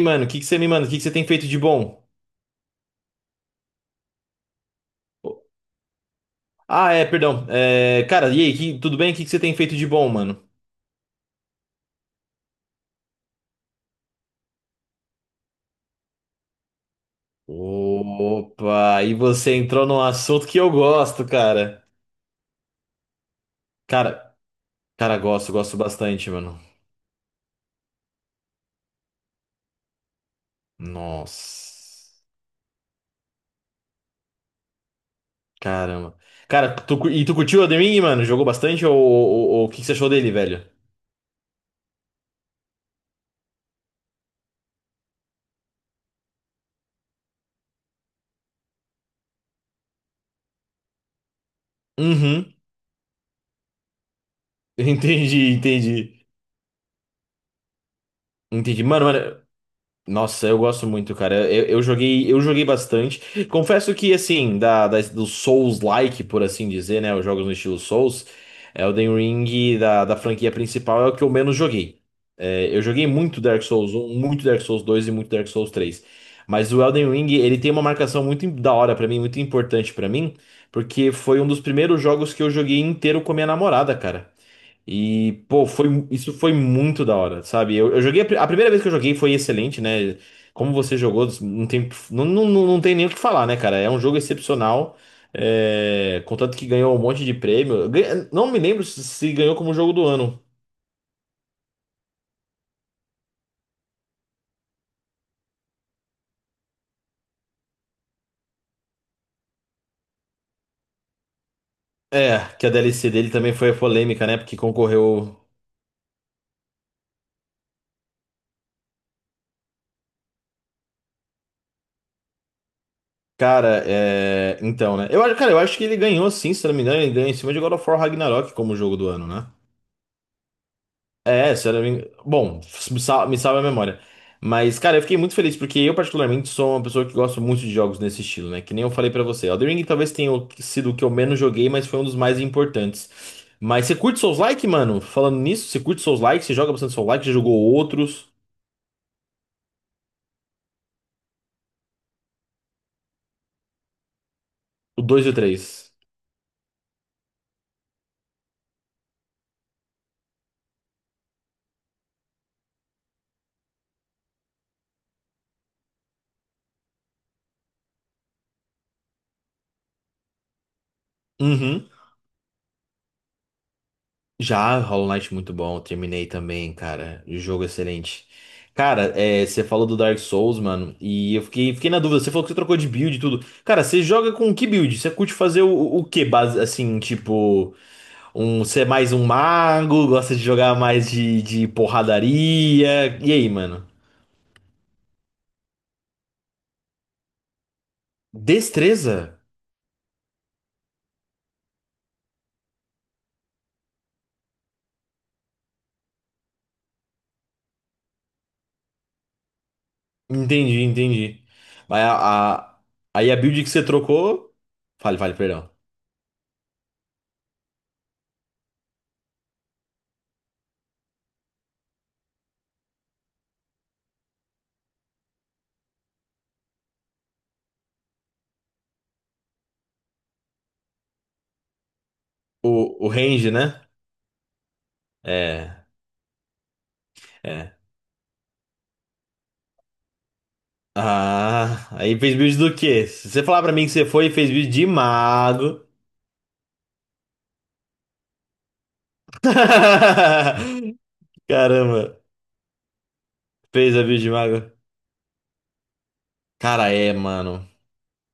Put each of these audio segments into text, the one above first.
Mano? O que que você me manda? O que que você tem feito de bom? Ah, é, perdão. É, cara, e aí, tudo bem? O que que você tem feito de bom, mano? Opa, aí você entrou num assunto que eu gosto, cara. Cara, cara, gosto, gosto bastante, mano. Nossa, caramba. Cara, e tu curtiu o The Ring, mano? Jogou bastante ou o que que você achou dele, velho? Uhum, entendi, entendi. Entendi. Mano, mano. Nossa, eu gosto muito, cara. Eu joguei, eu joguei bastante. Confesso que, assim, do Souls-like, por assim dizer, né? Os jogos no estilo Souls, Elden Ring da franquia principal é o que eu menos joguei. É, eu joguei muito Dark Souls 1, muito Dark Souls dois e muito Dark Souls três. Mas o Elden Ring, ele tem uma marcação da hora pra mim, muito importante pra mim, porque foi um dos primeiros jogos que eu joguei inteiro com a minha namorada, cara. E, pô, foi, isso foi muito da hora, sabe? Eu joguei, a primeira vez que eu joguei foi excelente, né? Como você jogou, não tem, não não tem nem o que falar, né, cara? É um jogo excepcional, é, contanto que ganhou um monte de prêmio. Não me lembro se ganhou como jogo do ano. É, que a DLC dele também foi polêmica, né? Porque concorreu. Cara, é. Então, né? Eu, cara, eu acho que ele ganhou sim, se não me engano, ele ganhou em cima de God of War Ragnarok como jogo do ano, né? É, se eu não me engano. Bom, me salva a memória. Mas, cara, eu fiquei muito feliz porque eu, particularmente, sou uma pessoa que gosta muito de jogos nesse estilo, né? Que nem eu falei pra você. Elden Ring talvez sido o que eu menos joguei, mas foi um dos mais importantes. Mas você curte Souls-like, mano? Falando nisso, você curte Souls-like? Você joga bastante Souls-like? Já jogou outros? O 2 e o 3? Já, Hollow Knight muito bom, terminei também, cara. O Jogo é excelente. Cara, é, você falou do Dark Souls, mano, e eu fiquei na dúvida. Você falou que você trocou de build e tudo. Cara, você joga com que build? Você curte fazer o que base, assim, tipo, um, você é mais um mago, gosta de jogar mais de porradaria? E aí, mano? Destreza? Entendi, entendi. Mas aí a build que você trocou. Fale, perdão. O range, né? É. é. Ah, aí fez build do quê? Se você falar pra mim que você foi e fez build de mago. Caramba, fez a build de mago. Cara, é, mano.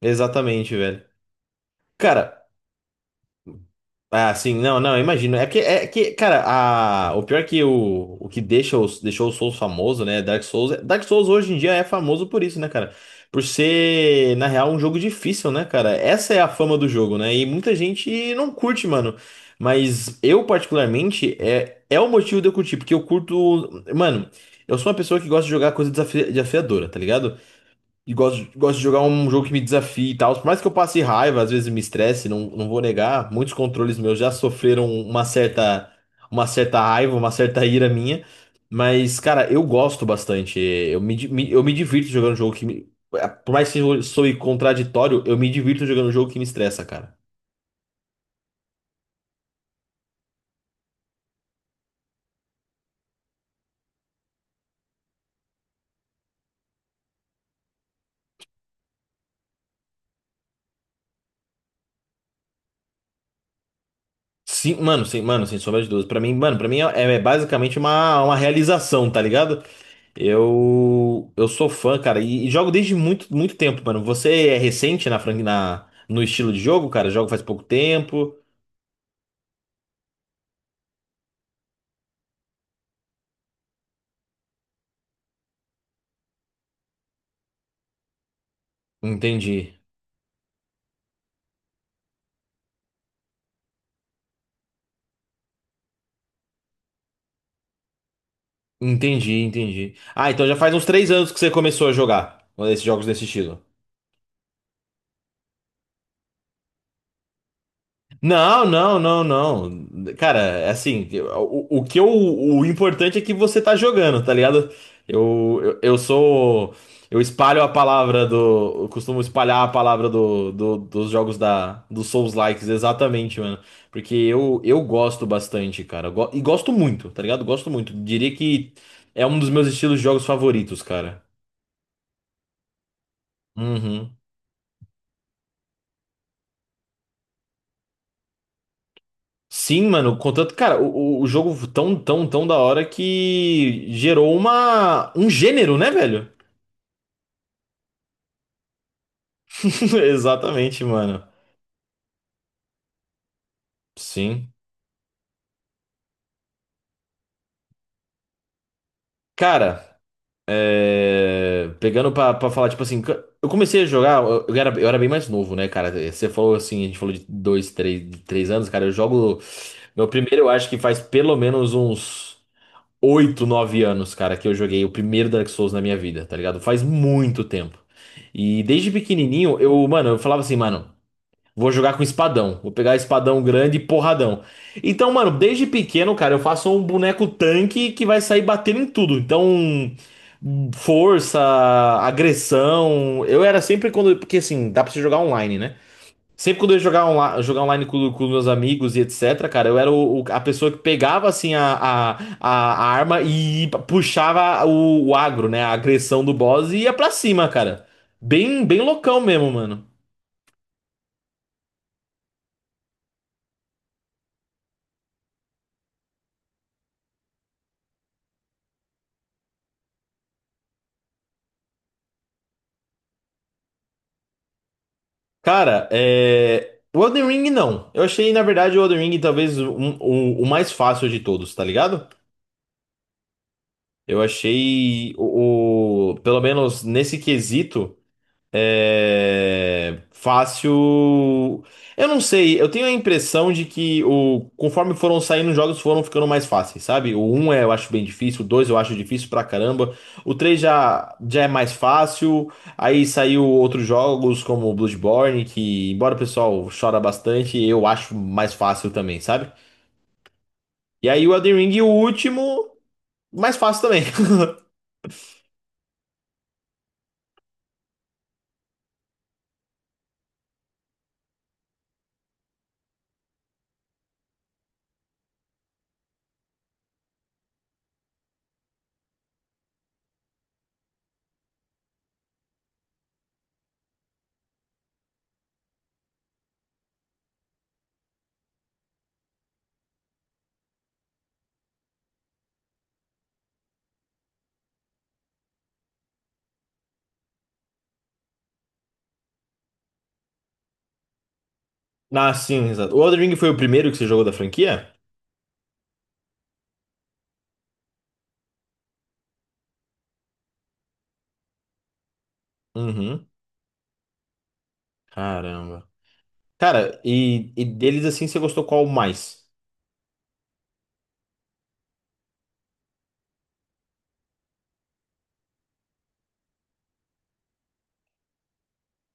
Exatamente, velho. Cara, Ah, sim, não, eu imagino. É que, cara, a, o pior é que o que deixa os, deixou o Souls famoso, né? Dark Souls. É, Dark Souls hoje em dia é famoso por isso, né, cara? Por ser, na real, um jogo difícil, né, cara? Essa é a fama do jogo, né? E muita gente não curte, mano. Mas eu, particularmente, é, é o motivo de eu curtir, porque eu curto. Mano, eu sou uma pessoa que gosta de jogar coisa desafiadora, tá ligado? E gosto, gosto de jogar um jogo que me desafie e tal. Por mais que eu passe raiva, às vezes me estresse, não vou negar. Muitos controles meus já sofreram uma certa raiva, uma certa ira minha. Mas, cara, eu gosto bastante. Eu eu me divirto jogando um jogo que me. É, Por mais que eu soe contraditório, eu me divirto jogando um jogo que me estressa, cara. Sim, mano, sem sombra de dúvida. Pra mim, mano, pra mim é, é basicamente uma realização, tá ligado? Eu sou fã, cara, e jogo desde muito, muito tempo, mano. Você é recente na, na no estilo de jogo, cara? Jogo faz pouco tempo. Entendi. Entendi, entendi. Ah, então já faz uns três anos que você começou a jogar esses jogos desse estilo. Não, não, não, não. Cara, é assim, o que eu, o importante é que você tá jogando, tá ligado? Eu sou. Eu espalho a palavra do. Eu costumo espalhar a palavra do, dos jogos da, dos Souls-likes, exatamente, mano. Porque eu gosto bastante, cara. Eu e gosto muito, tá ligado? Gosto muito. Diria que é um dos meus estilos de jogos favoritos, cara. Uhum. Sim, mano, contanto, cara, o, o jogo tão, tão, tão da hora que gerou uma, um gênero, né, velho? Exatamente, mano. Sim. Cara, é, pegando pra, pra falar, tipo assim, eu comecei a jogar, eu era, eu era bem mais novo, né, cara? Você falou assim, a gente falou de dois, três, de três anos, cara, eu jogo, meu primeiro eu acho que faz pelo menos uns 8 9 anos, cara, que eu joguei o primeiro Dark Souls na minha vida, tá ligado? Faz muito tempo. E desde pequenininho, eu, mano, eu falava assim, mano, vou jogar com espadão. Vou pegar espadão grande e porradão. Então, mano, desde pequeno, cara, eu faço um boneco tanque que vai sair batendo em tudo. Então, força, agressão. Eu era sempre quando. Porque assim, dá pra você jogar online, né? Sempre quando eu ia jogar, jogar online com meus amigos e etc, cara, eu era o, a pessoa que pegava, assim, a a arma e puxava o agro, né? A agressão do boss e ia pra cima, cara. Bem, bem loucão mesmo, mano. Cara, é... O Elden Ring, não. Eu achei, na verdade, o Elden Ring o mais fácil de todos, tá ligado? Eu achei, o, pelo menos nesse quesito... É, fácil. Eu não sei, eu tenho a impressão de que o conforme foram saindo os jogos foram ficando mais fáceis, sabe? O um é, eu acho bem difícil, o 2 eu acho difícil pra caramba, o 3 já, já é mais fácil, aí saiu outros jogos como o Bloodborne, que embora o pessoal chora bastante, eu acho mais fácil também, sabe? E aí o Elden Ring, o último, mais fácil também. Ah, sim, exato. O Elden Ring foi o primeiro que você jogou da franquia? Uhum. Caramba. Cara, e deles assim, você gostou qual mais?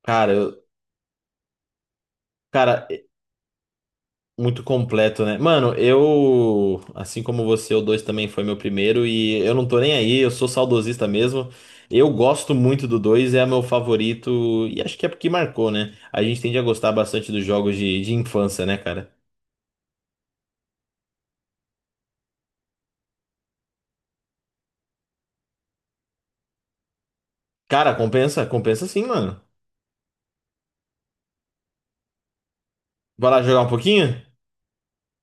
Cara, eu- cara, é muito completo, né? Mano, eu, assim como você, o 2 também foi meu primeiro e eu não tô nem aí, eu sou saudosista mesmo. Eu gosto muito do 2 é meu favorito e acho que é porque marcou, né? A gente tende a gostar bastante dos jogos de infância, né, cara? Cara, compensa? Compensa sim, mano. Vai lá jogar um pouquinho?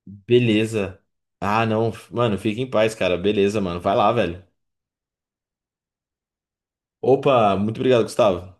Beleza. Ah, não, mano, fica em paz, cara. Beleza, mano. Vai lá, velho. Opa, muito obrigado, Gustavo.